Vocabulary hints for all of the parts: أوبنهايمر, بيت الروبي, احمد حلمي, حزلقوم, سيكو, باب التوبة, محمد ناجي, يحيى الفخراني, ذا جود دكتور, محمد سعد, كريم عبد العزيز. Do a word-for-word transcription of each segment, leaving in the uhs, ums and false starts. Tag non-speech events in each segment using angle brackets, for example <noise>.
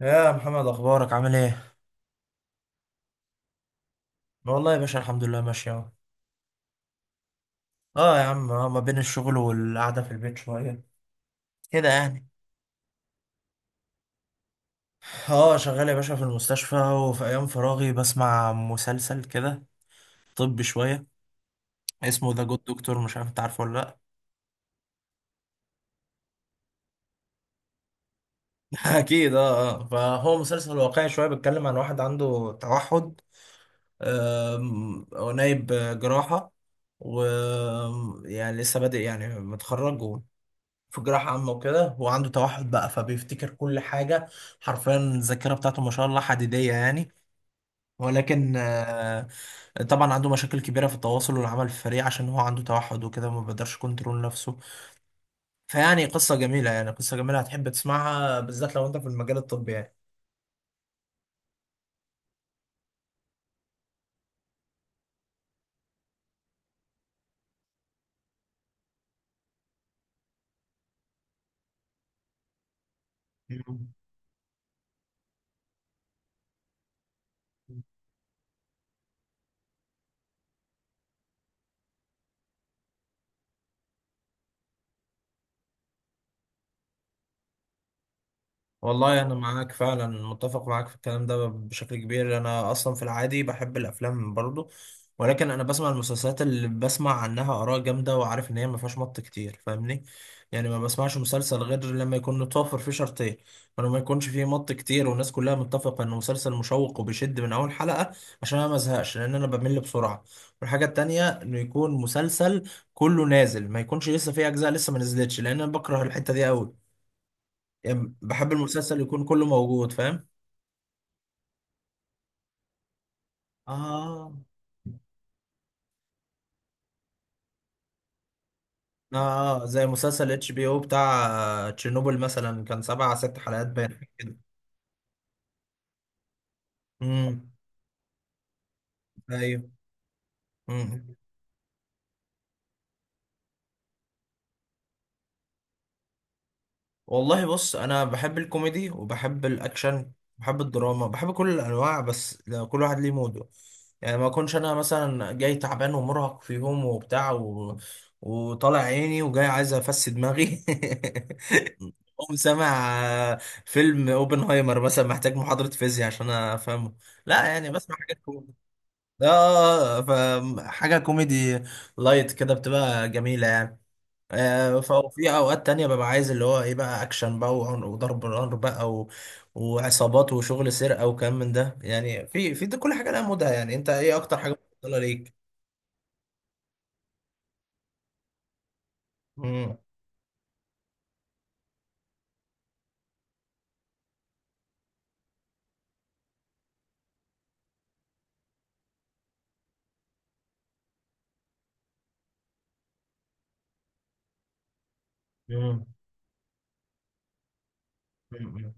يا محمد اخبارك عامل ايه؟ والله يا باشا الحمد لله ماشي اهو. اه يا عم آه ما بين الشغل والقعده في البيت شويه كده يعني. اه شغال يا باشا في المستشفى وفي ايام فراغي بسمع مسلسل كده طبي شويه اسمه ذا جود دكتور، مش عارف انت عارفه ولا لا. <laughs> اكيد اه آه. فهو مسلسل واقعي شويه بيتكلم عن واحد عنده توحد. آم، هو نايب جراحه و يعني لسه بادئ يعني متخرج في جراحة عامة وكده، وعنده توحد بقى فبيفتكر كل حاجة، حرفيا الذاكرة بتاعته ما شاء الله حديدية يعني. ولكن آه، طبعا عنده مشاكل كبيرة في التواصل والعمل في الفريق عشان هو عنده توحد وكده ما بيقدرش كنترول نفسه. فيعني قصة جميلة، يعني قصة جميلة هتحب تسمعها بالذات لو انت في المجال الطبي يعني. مم. والله أنا معاك فعلا، متفق معاك في الكلام ده بشكل كبير. أنا أصلا في العادي بحب الأفلام برضه، ولكن أنا بسمع المسلسلات اللي بسمع عنها آراء جامدة وعارف إن هي مفيهاش مط كتير، فاهمني؟ يعني ما بسمعش مسلسل غير لما يكون متوفر فيه شرطين: ولما يكونش فيه مط كتير والناس كلها متفقة إنه مسلسل مشوق وبيشد من أول حلقة عشان أنا مزهقش، لأن أنا بمل بسرعة. والحاجة التانية إنه يكون مسلسل كله نازل، ما يكونش لسه فيه أجزاء لسه ما نزلتش، لأن أنا بكره الحتة دي أوي. يعني بحب المسلسل يكون كله موجود، فاهم؟ اه اه زي مسلسل اتش بي او بتاع آه، تشيرنوبل مثلا، كان سبع ست حلقات باين كده. امم. ايوه. مم. والله بص، انا بحب الكوميدي وبحب الاكشن، بحب الدراما، بحب كل الانواع، بس لو كل واحد ليه موده. يعني ما اكونش انا مثلا جاي تعبان ومرهق في يوم وبتاع و... وطالع عيني وجاي عايز افس دماغي <laughs> قوم سامع فيلم اوبنهايمر مثلا، محتاج محاضرة فيزياء عشان افهمه. لا يعني بسمع حاجات كوميدي، اه فحاجة كوميدي لايت كده بتبقى جميلة يعني. آه، ففي اوقات تانية ببقى عايز اللي هو ايه بقى، اكشن بقى وعنق وضرب نار بقى و... وعصابات وشغل سرقة وكلام من ده يعني. في في ده كل حاجة لها مودها يعني. انت ايه اكتر حاجة مفضلة ليك؟ مم. مم. مم.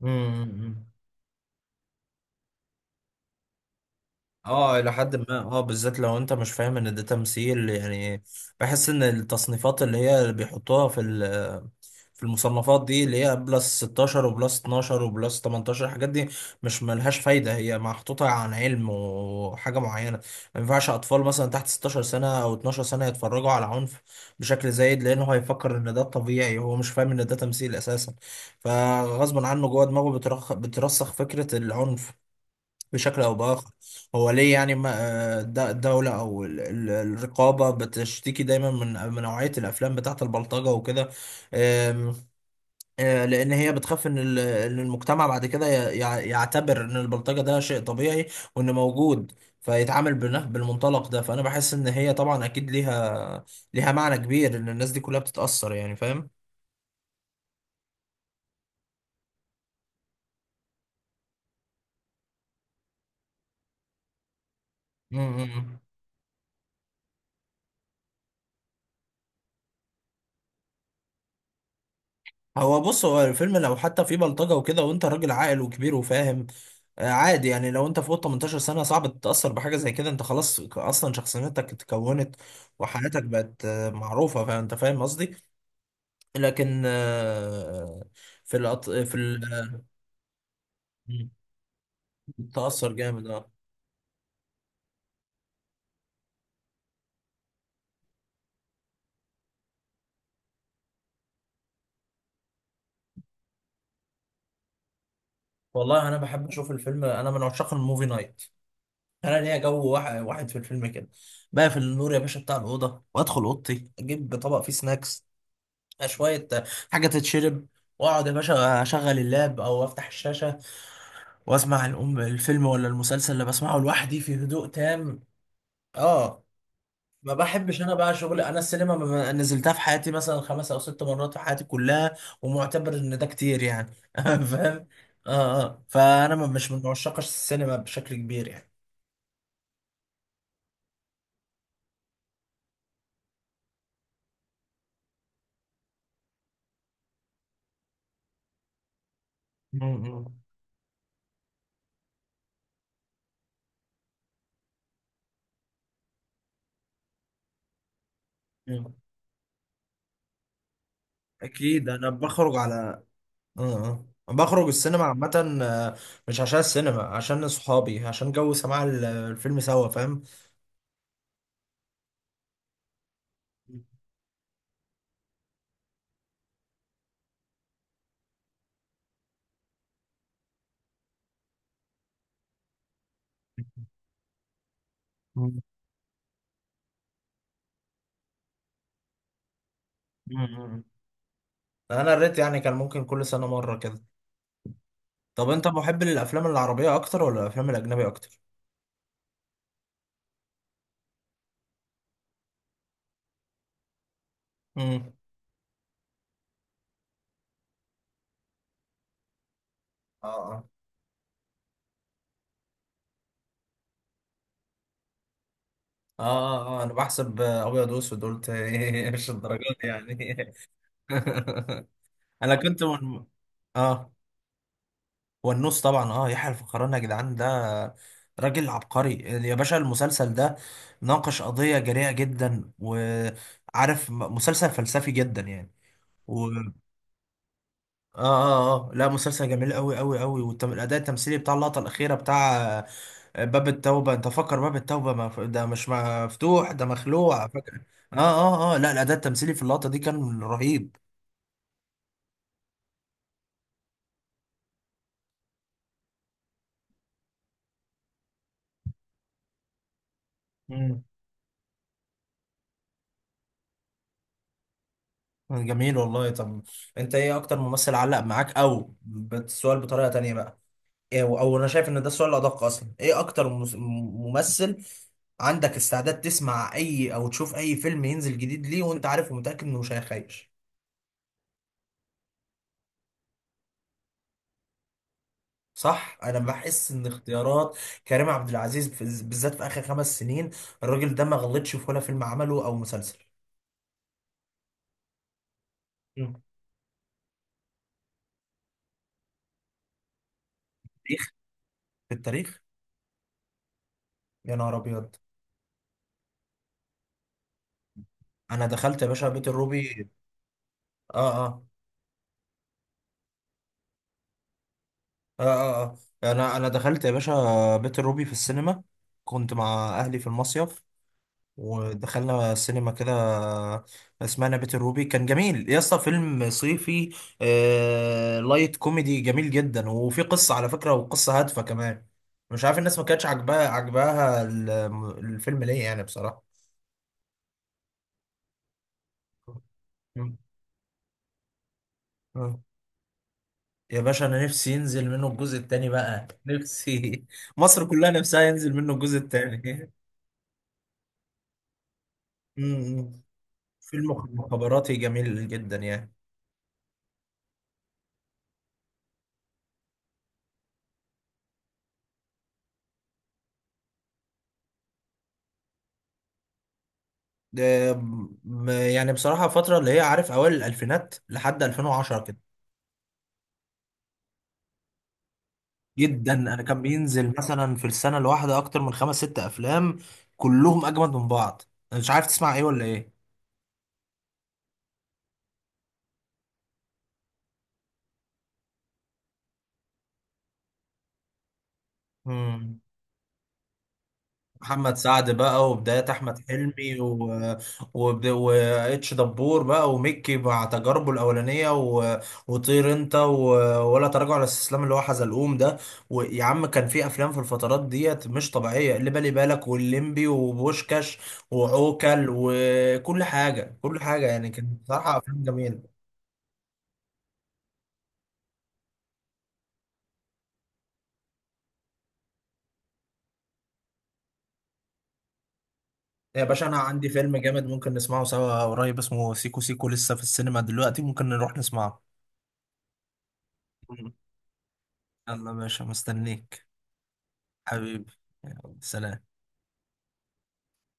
مم. اه الى حد ما اه، بالذات لو انت مش فاهم ان ده تمثيل يعني. بحس ان التصنيفات اللي هي اللي بيحطوها في في المصنفات دي، اللي هي بلس ستاشر وبلس اتناشر وبلس تمنتاشر، الحاجات دي مش ملهاش فايدة، هي محطوطة عن علم وحاجة معينة. ما ينفعش أطفال مثلا تحت ستاشر سنة أو اتناشر سنة يتفرجوا على عنف بشكل زايد، لأنه هيفكر إن ده طبيعي، هو مش فاهم إن ده تمثيل أساسا. فغصب عنه جوه دماغه بترخ... بترسخ فكرة العنف بشكل أو بآخر. هو ليه يعني ما آه، ده- الدولة أو ال- ال- الرقابة بتشتكي دايما من من نوعية الأفلام بتاعة البلطجة وكده، آه، لان هي بتخاف ان ال- إن المجتمع بعد كده ي- يع- يعتبر ان البلطجه ده شيء طبيعي وان موجود، فيتعامل بنه- بالمنطلق ده. فانا بحس ان هي طبعا اكيد ليها ليها معنى كبير ان الناس دي كلها بتتاثر يعني، فاهم؟ امم. هو بص، هو الفيلم لو حتى فيه بلطجه وكده وانت راجل عاقل وكبير وفاهم، آه، عادي يعني. لو انت فوق تمنتاشر سنه صعب تتاثر بحاجه زي كده، انت خلاص ك- اصلا شخصيتك اتكونت وحياتك بقت آه، معروفه، فانت فاهم قصدي. لكن آه، في الأط... في ال... تأثر جامد اه. والله انا بحب اشوف الفيلم، انا من عشاق الموفي نايت. انا ليا جو واحد, واحد في الفيلم كده. بقفل النور يا باشا بتاع الاوضه، وادخل اوضتي اجيب طبق فيه سناكس شويه، آه، حاجه تتشرب، واقعد يا باشا اشغل اللاب او افتح الشاشه واسمع الام الفيلم ولا المسلسل اللي بسمعه لوحدي في هدوء تام. اه. ما بحبش انا بقى شغل، انا السينما ما- ما نزلتها في حياتي مثلا خمس او ست مرات في حياتي كلها، ومعتبر ان ده كتير يعني <laughs> فاهم. اه اه. فانا ما- مش من عشاق السينما بشكل كبير يعني. مم. مم. اكيد انا بخرج على اه، اه بخرج السينما عامة، آه، مش عشان السينما، عشان صحابي، عشان جو سماع ال- الفيلم سوا، فاهم؟ مم. مم. انا الريت يعني كان ممكن كل سنة مرة كده. طب انت محب للافلام العربية اكتر ولا الافلام الاجنبية اكتر؟ مم. اه اه اه اه آه، انا بحسب ابيض واسود، قلت إيه، <laughs> مش الدرجات دي يعني <laughs> انا كنت من اه. والنص طبعا، اه يحيى الفخراني يا جدعان ده راجل عبقري. يا باشا المسلسل ده ناقش قضية جريئة جدا، وعارف م- مسلسل فلسفي جدا يعني و... اه اه اه لا، مسلسل جميل قوي قوي قوي، والاداء التمثيلي بتاع اللقطة الأخيرة بتاع باب التوبة، انت فكر باب التوبة مف... ده مش مفتوح، ده مخلوع، فاكر؟ اه اه اه لا، الأداء التمثيلي في اللقطة دي كان رهيب. مم. جميل والله. طب انت ايه اكتر ممثل علق معاك او السؤال بطريقة تانية بقى، ايه او أو، انا شايف ان ده السؤال الأدق اصلا، ايه اكتر مس- ممثل عندك استعداد تسمع اي او تشوف اي فيلم ينزل جديد ليه وانت عارف ومتأكد انه مش هيخيش؟ صح، انا بحس ان اختيارات كريم عبد العزيز في- بالذات في اخر خمس سنين، الراجل ده ما غلطش في ولا فيلم عمله او مسلسل. مم. تاريخ، في التاريخ. يا نهار ابيض. انا دخلت يا باشا بيت الروبي. اه اه اه اه, آه. انا انا دخلت يا باشا بيت الروبي في السينما، كنت مع اهلي في المصيف، ودخلنا سينما كده اسمها بيت الروبي، كان جميل يا اسطى، فيلم صيفي آه... لايت كوميدي جميل جدا، وفي قصة على فكرة، وقصة هادفة كمان. مش عارف الناس ما كانتش عاجباها، عاجباها ال- الفيلم ليه يعني بصراحة. مم. آه. يا باشا انا نفسي ينزل منه الجزء التاني بقى، نفسي <laughs> مصر كلها نفسها ينزل منه الجزء التاني. مم. فيلم مخابراتي جميل جدا يعني. آم، يعني بصراحة الفترة اللي هي عارف أوائل الألفينات لحد ألفين وعشرة كده. جدا، أنا كان بينزل مثلا في السنة الواحدة أكتر من خمس ست أفلام كلهم أجمد من بعض، أنا مش عارف تسمع إيه ولا إيه؟ مم. محمد سعد بقى، وبدايات احمد حلمي و وب- واتش دبور بقى، وميكي مع تجاربه الاولانيه و... وطير انت و... ولا تراجع ولا استسلام اللي هو حزلقوم ده. ويا عم كان في افلام في الفترات ديت مش طبيعيه، اللي بالي بالك والليمبي وبوشكاش وعوكل وكل حاجه كل حاجه، يعني كانت بصراحه افلام جميله. يا باشا انا عندي فيلم جامد ممكن نسمعه سوا قريب، اسمه سيكو سيكو لسه في السينما دلوقتي، ممكن نروح نسمعه. يلا يا باشا مستنيك، حبيبي. يلا، سلام.